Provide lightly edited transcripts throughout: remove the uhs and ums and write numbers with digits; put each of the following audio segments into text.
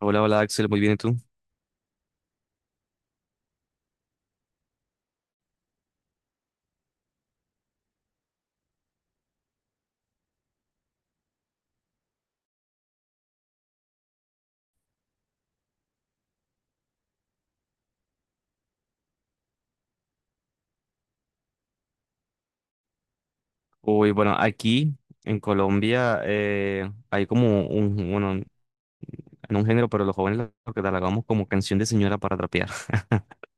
Hola, hola Axel, muy bien, ¿y tú? Uy, bueno, aquí en Colombia hay como un, bueno, en un género, pero los jóvenes lo catalogamos como canción de señora para trapear.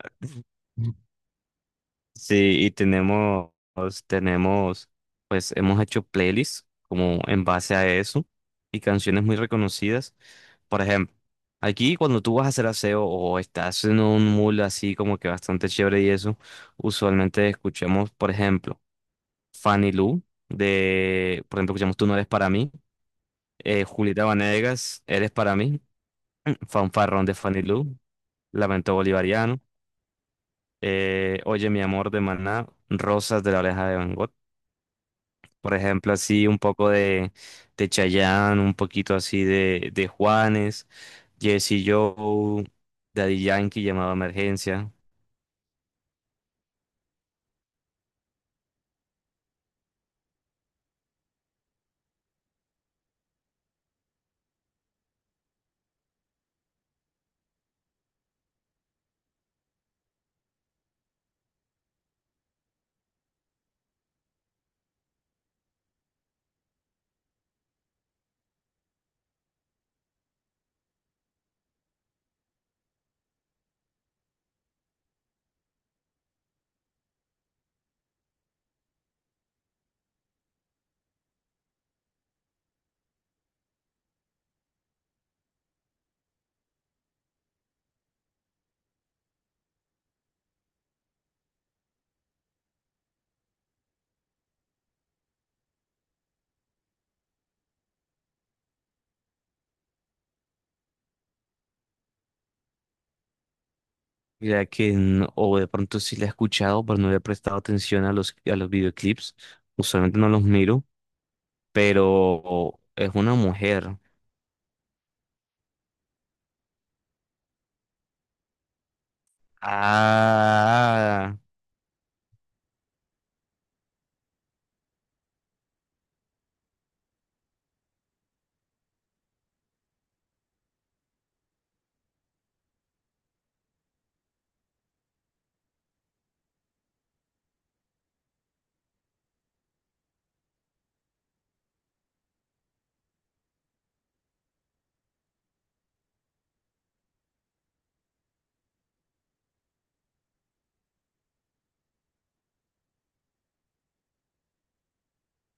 Sí, y tenemos, pues hemos hecho playlists como en base a eso y canciones muy reconocidas. Por ejemplo, aquí cuando tú vas a hacer aseo o estás en un mood así como que bastante chévere y eso, usualmente escuchamos, por ejemplo. Fanny Lu, de, por ejemplo, escuchamos Tú no eres para mí, Julieta Venegas, Eres para mí, Fanfarrón de Fanny Lu, Lamento Bolivariano, Oye mi amor de Maná, Rosas de la oreja de Van Gogh, por ejemplo, así un poco de Chayanne, un poquito así de Juanes, Jesse Joe, Daddy Yankee, Llamado a Emergencia. Mira que, o de pronto sí la he escuchado, pero no le he prestado atención a los videoclips, usualmente no los miro. Pero es una mujer. Ah,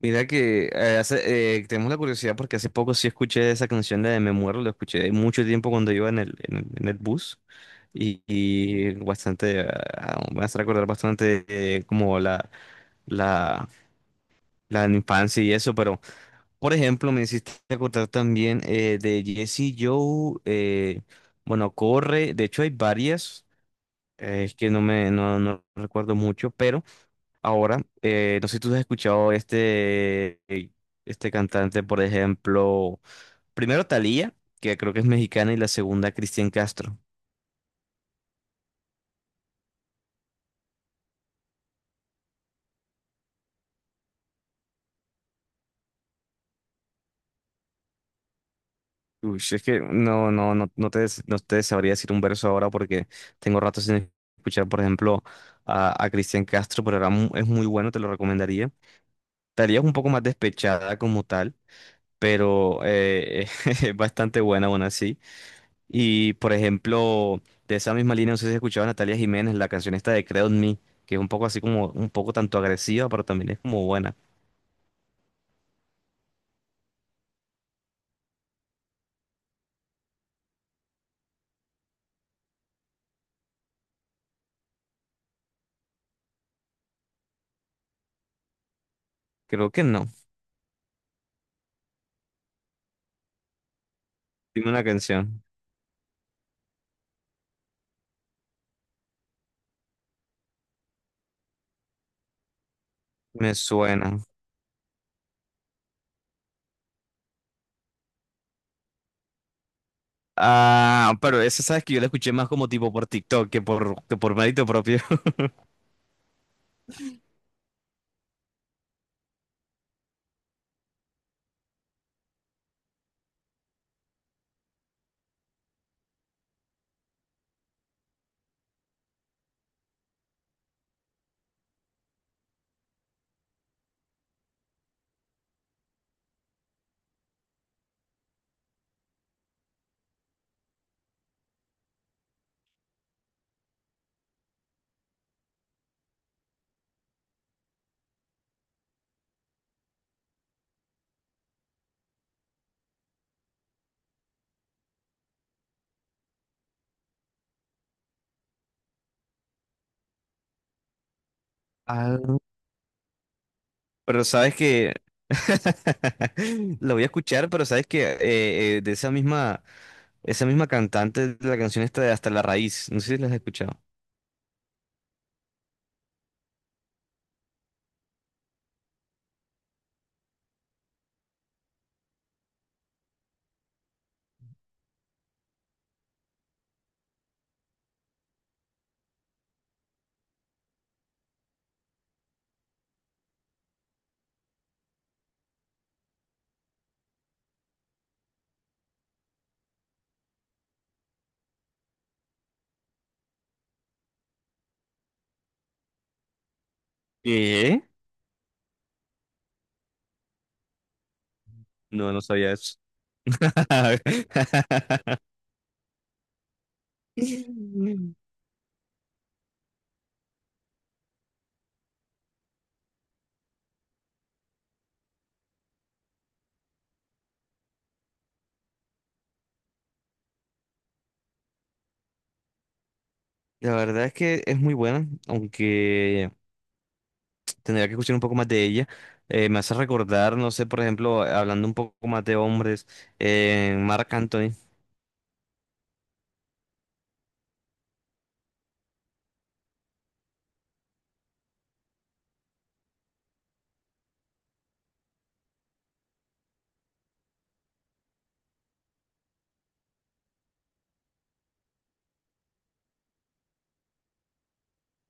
mira que tenemos la curiosidad porque hace poco sí escuché esa canción de Me Muero, lo escuché mucho tiempo cuando iba en el, en el, en el bus y bastante, ah, ah, me hace recordar bastante como la, la infancia y eso, pero por ejemplo me hiciste acordar también de Jesse Joe, bueno, Corre, de hecho hay varias, es que no me no, no recuerdo mucho, pero... Ahora, no sé si tú has escuchado este cantante, por ejemplo, primero Thalía, que creo que es mexicana, y la segunda Cristian Castro. Uy, es que no te, no te sabría decir un verso ahora porque tengo rato sin escuchar, por ejemplo, a Cristian Castro, pero era es muy bueno, te lo recomendaría. Thalía es un poco más despechada como tal, pero es bastante buena aún así. Y por ejemplo, de esa misma línea, no sé si has escuchado a Natalia Jiménez, la canción esta de Creed on Me, que es un poco así como, un poco tanto agresiva, pero también es como buena. Creo que no. Dime una canción. Me suena. Ah, pero esa sabes que yo la escuché más como tipo por TikTok que por mérito propio. Ah, pero sabes que lo voy a escuchar, pero sabes que de esa misma cantante, de la canción esta de Hasta la Raíz, no sé si la has escuchado. ¿Qué? No, no sabía eso. La verdad es que es muy buena, aunque tendría que escuchar un poco más de ella. Me hace recordar, no sé, por ejemplo, hablando un poco más de hombres, Marc Anthony.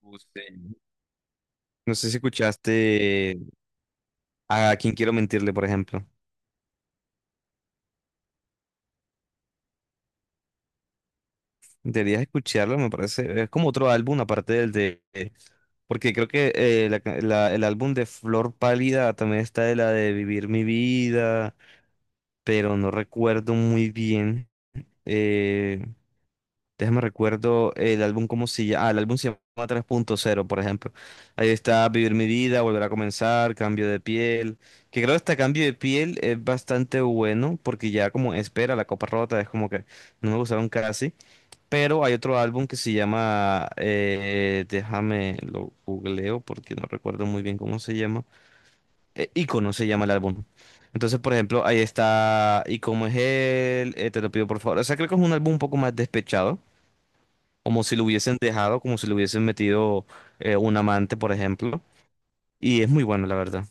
Usted. No sé si escuchaste a Quién Quiero Mentirle, por ejemplo. Deberías escucharlo, me parece. Es como otro álbum, aparte del de... Porque creo que el álbum de Flor Pálida también está de la de Vivir mi vida, pero no recuerdo muy bien. Eh, Déjame recuerdo el álbum cómo se llama. Ah, el álbum se llama 3.0, por ejemplo. Ahí está Vivir mi vida, Volver a comenzar, Cambio de piel, que creo que este Cambio de piel es bastante bueno porque ya como espera la copa rota, es como que no me gustaron casi, pero hay otro álbum que se llama déjame lo googleo porque no recuerdo muy bien cómo se llama Ícono se llama el álbum. Entonces, por ejemplo, ahí está ¿Y cómo es él? Te lo pido por favor. O sea, creo que es un álbum un poco más despechado, como si lo hubiesen dejado, como si le hubiesen metido un amante, por ejemplo. Y es muy bueno, la verdad.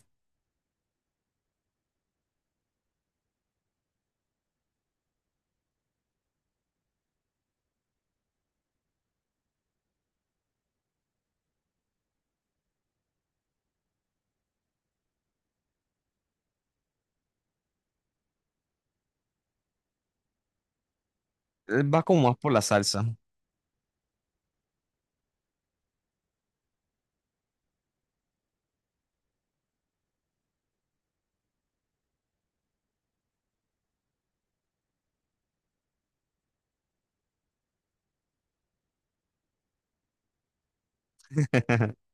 Va como más por la salsa.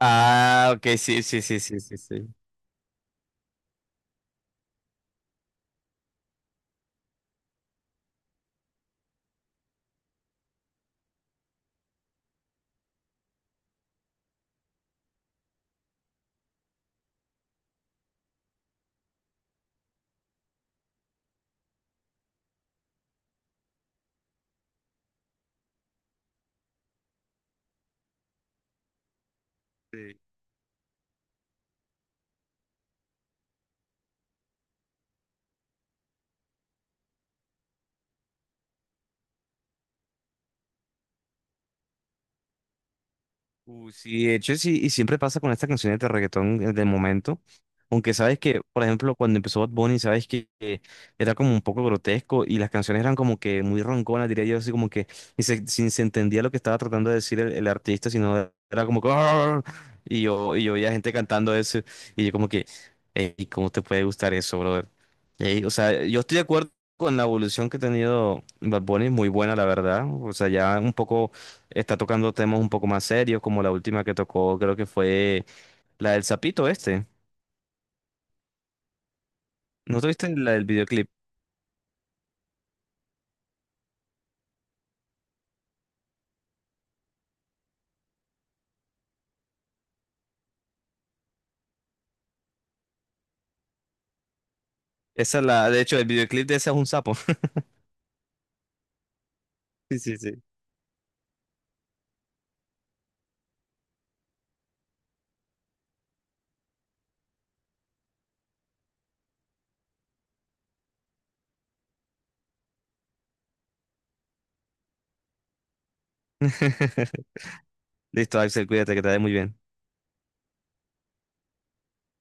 Ah, ok, sí, sí, sí, sí, sí, sí. Sí, de hecho sí, y siempre pasa con estas canciones de reggaetón del momento. Aunque sabes que, por ejemplo, cuando empezó Bad Bunny, sabes que era como un poco grotesco y las canciones eran como que muy ronconas, diría yo, así como que ni se entendía lo que estaba tratando de decir el artista, sino era como que... "Arr". Y yo oía gente cantando eso y yo como que, "Ey, ¿cómo te puede gustar eso, brother? Ey, o sea, yo estoy de acuerdo con la evolución que ha tenido Bad Bunny, muy buena, la verdad. O sea, ya un poco está tocando temas un poco más serios, como la última que tocó, creo que fue la del sapito este. ¿No tuviste la del videoclip? Esa es la, de hecho, el videoclip de esa es un sapo. Sí, sí, sí. Listo, Axel, cuídate, que te vaya muy bien.